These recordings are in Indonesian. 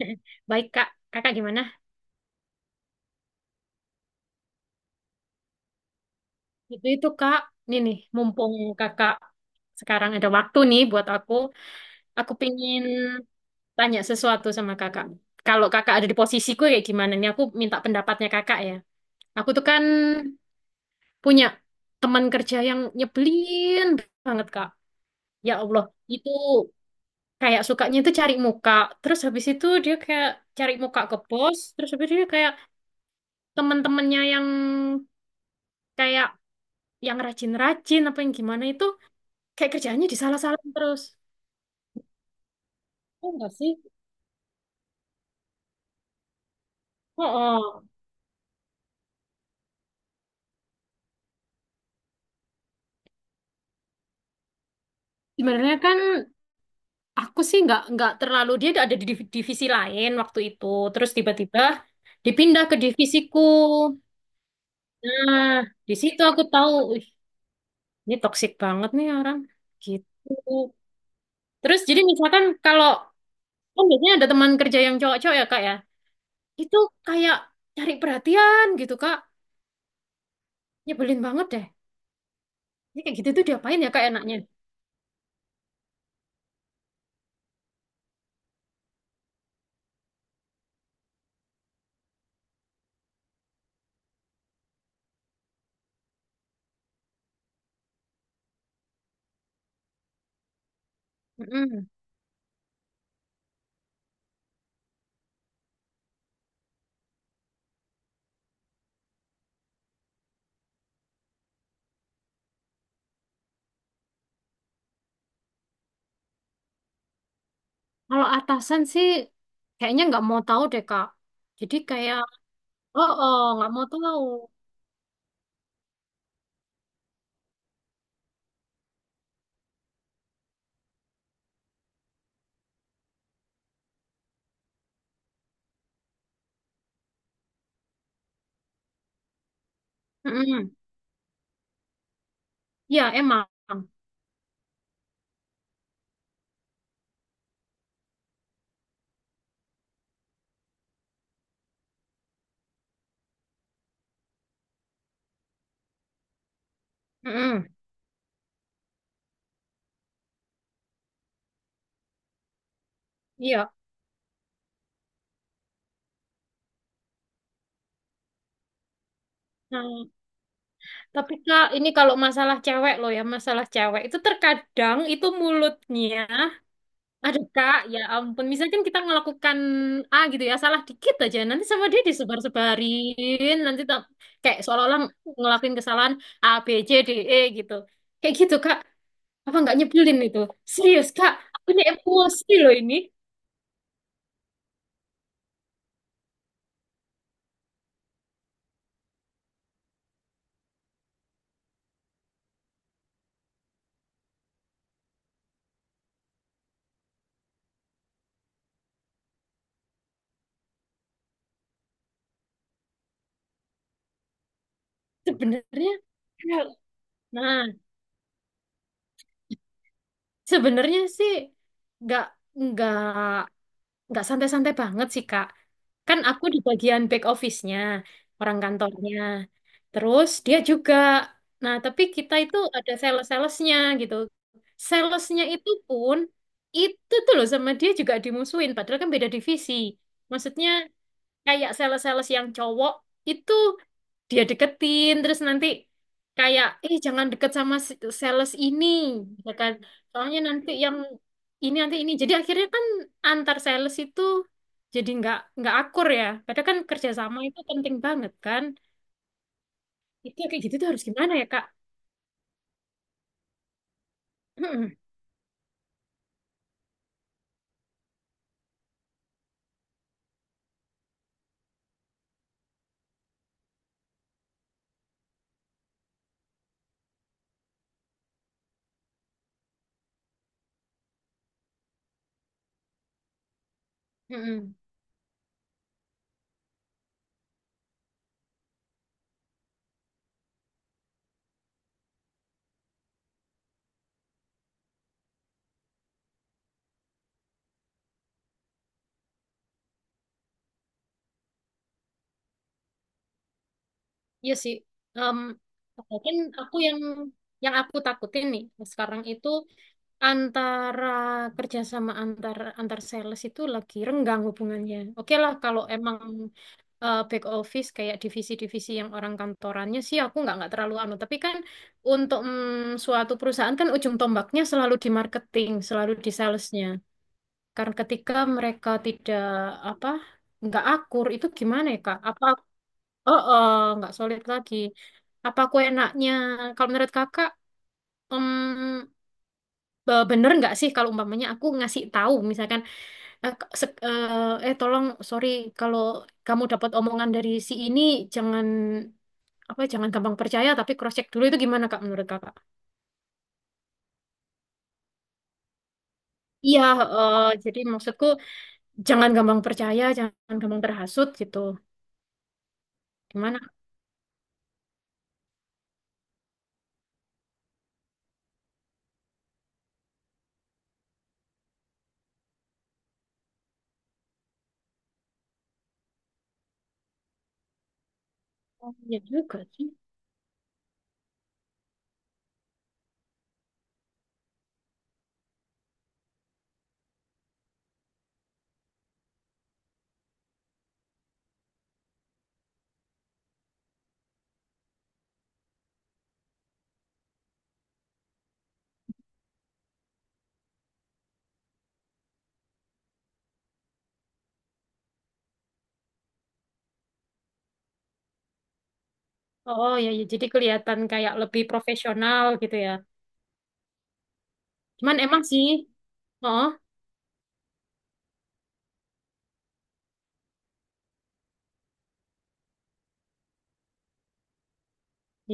Baik, Kak. Kakak gimana? Itu, Kak. Ini nih, mumpung Kakak sekarang ada waktu nih buat aku pingin tanya sesuatu sama Kakak. Kalau Kakak ada di posisiku kayak gimana nih? Aku minta pendapatnya Kakak ya. Aku tuh kan punya teman kerja yang nyebelin banget, Kak. Ya Allah, itu kayak sukanya itu cari muka. Terus habis itu dia kayak cari muka ke bos, terus habis itu dia kayak teman-temannya yang kayak yang rajin-rajin apa yang gimana itu kayak kerjaannya disalah-salahin terus. Oh, enggak sih? Oh, oh. Sebenarnya kan aku sih nggak terlalu, dia ada di divisi lain waktu itu. Terus tiba-tiba dipindah ke divisiku. Nah, di situ aku tahu, "Wih, ini toksik banget nih orang." Gitu. Terus jadi misalkan kalau kan biasanya ada teman kerja yang cowok-cowok ya, Kak ya. Itu kayak cari perhatian gitu, Kak. Nyebelin banget deh. Ini kayak gitu tuh diapain ya, Kak, enaknya? Mm-mm. Kalau atasan sih kayaknya nggak mau tahu deh, Kak. Jadi kayak oh, oh, nggak mau tahu. Mm-mm. Iya, emang. Mm-mm. Iya. Nah, tapi Kak, ini kalau masalah cewek loh ya, masalah cewek itu terkadang itu mulutnya, aduh Kak ya ampun, misalkan kita melakukan A gitu ya, salah dikit aja nanti sama dia disebar-sebarin, nanti kayak seolah-olah ngelakuin kesalahan A B C D E gitu, kayak gitu Kak. Apa nggak nyebelin itu? Serius, Kak, aku ini emosi loh ini. Sebenarnya, ya, nah, sebenarnya sih nggak nggak nggak santai-santai banget sih, Kak. Kan aku di bagian back office-nya, orang kantornya. Terus dia juga. Nah, tapi kita itu ada sales-salesnya gitu. Salesnya itu pun itu tuh loh sama dia juga dimusuhin. Padahal kan beda divisi. Maksudnya kayak sales-sales yang cowok itu dia deketin, terus nanti kayak, eh, jangan deket sama sales ini, ya kan, soalnya nanti yang ini nanti ini jadi akhirnya kan antar sales itu jadi nggak akur, ya padahal kan kerjasama itu penting banget kan. Itu kayak gitu tuh harus gimana ya, kak? Mm-mm, mm-mm. Iya sih. Em, mungkin aku yang aku takutin nih sekarang itu antara kerjasama antar antar sales itu lagi renggang hubungannya. Oke lah kalau emang, back office kayak divisi-divisi yang orang kantorannya sih aku nggak terlalu anu, tapi kan untuk, suatu perusahaan kan ujung tombaknya selalu di marketing, selalu di salesnya, karena ketika mereka tidak, apa, nggak akur itu gimana ya, kak, apa? Oh, oh, nggak solid lagi. Apa aku enaknya kalau menurut kakak, mm, bener nggak sih kalau umpamanya aku ngasih tahu misalkan, tolong sorry, kalau kamu dapat omongan dari si ini jangan, apa, jangan gampang percaya tapi cross check dulu, itu gimana Kak menurut Kakak? Iya, jadi maksudku jangan gampang percaya, jangan gampang terhasut gitu. Gimana? Oh, ya juga sih. Oh ya, ya jadi kelihatan kayak lebih profesional gitu ya. Cuman emang sih, oh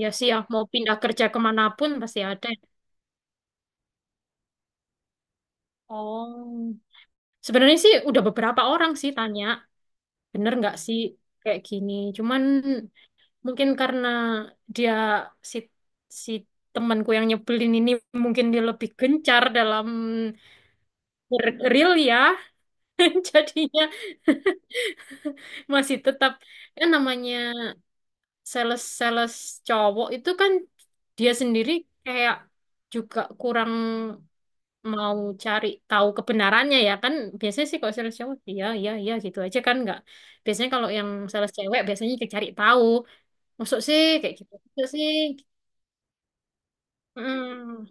ya sih, ya mau pindah kerja kemanapun pasti ada. Oh, sebenarnya sih udah beberapa orang sih tanya, bener nggak sih kayak gini? Cuman mungkin karena dia, si si temanku yang nyebelin ini, mungkin dia lebih gencar dalam real ya. Jadinya masih tetap, ya namanya sales-sales cowok itu kan dia sendiri kayak juga kurang mau cari tahu kebenarannya ya kan. Biasanya sih kalau sales cowok iya, iya, iya gitu aja kan, nggak biasanya. Kalau yang sales cewek biasanya dicari tahu. Masuk sih kayak gitu. Masuk sih. Mm,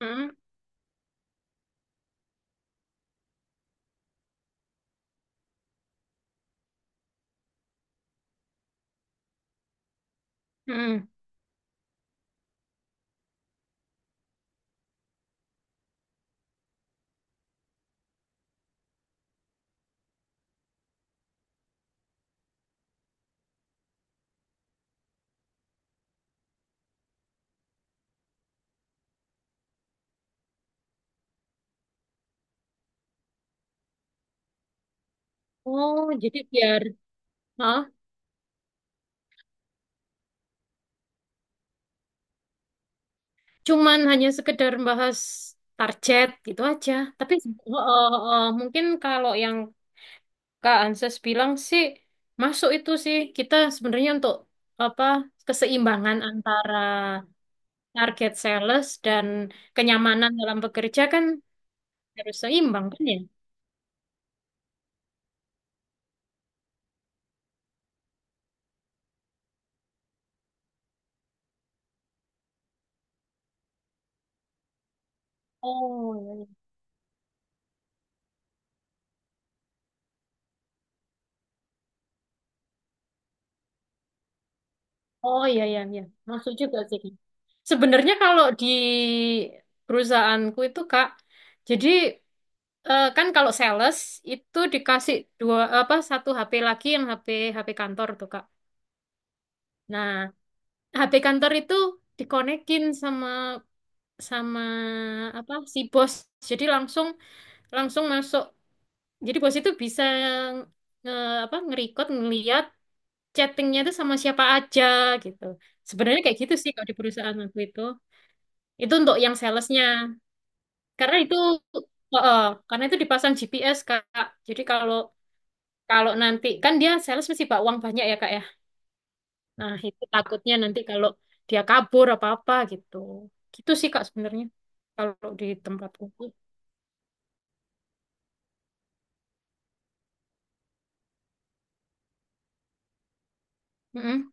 mm. Mm. Oh, jadi biar. Hah? Cuman hanya sekedar bahas target gitu aja. Tapi oh, oh, oh, mungkin kalau yang Kak Anses bilang sih masuk itu sih, kita sebenarnya untuk apa, keseimbangan antara target sales dan kenyamanan dalam bekerja kan harus seimbang kan ya? Oh, iya. Iya. Oh, iya, iya, iya. Masuk juga sih. Sebenarnya kalau di perusahaanku itu Kak, jadi kan kalau sales itu dikasih dua apa satu HP lagi, yang HP HP kantor tuh Kak. Nah, HP kantor itu dikonekin sama sama apa si bos. Jadi langsung langsung masuk. Jadi bos itu bisa nge, apa ngerecord, ngeliat chattingnya itu sama siapa aja gitu. Sebenarnya kayak gitu sih kalau di perusahaan waktu itu. Itu untuk yang salesnya. Karena itu eh, eh, karena itu dipasang GPS Kak. Jadi kalau Kalau nanti kan dia sales mesti bawa uang banyak ya, kak, ya. Nah itu takutnya nanti kalau dia kabur apa-apa gitu. Gitu sih kak, sebenarnya kalau di tempatku. Mm-mm.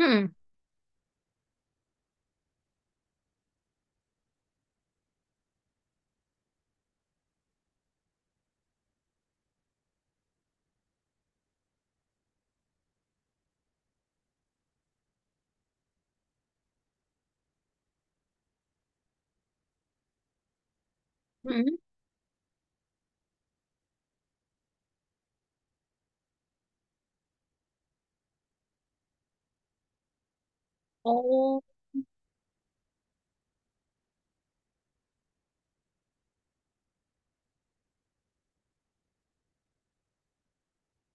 Mm-mm. Mm-mm. Oh.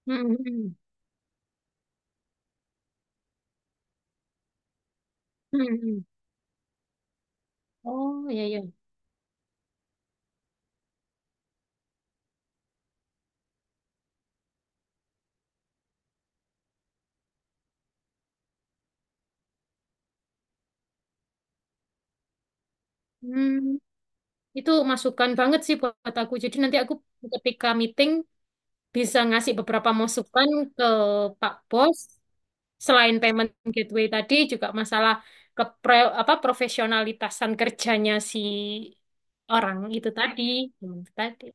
Mm-mm. Mm-mm. Oh, iya, iya. Hmm. Itu masukan banget sih buat aku. Jadi nanti aku ketika meeting bisa ngasih beberapa masukan ke Pak Bos. Selain payment gateway tadi, juga masalah ke apa profesionalitasan kerjanya si orang itu tadi, teman itu tadi.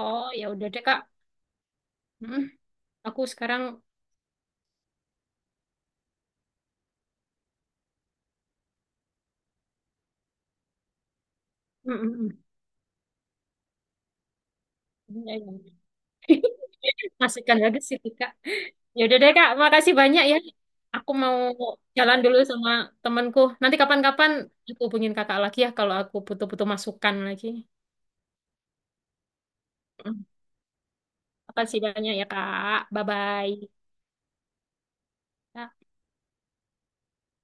Oh, ya udah deh, Kak. Mm, aku sekarang, mm, mm, mm. Ya, ya. Masukkan lagi sih, Kak. Ya udah deh, Kak. Makasih banyak ya. Aku mau jalan dulu sama temanku. Nanti kapan-kapan aku hubungin Kakak lagi ya, kalau aku butuh-butuh masukan lagi. Mm. Makasih banyak ya, Kak. Bye-bye.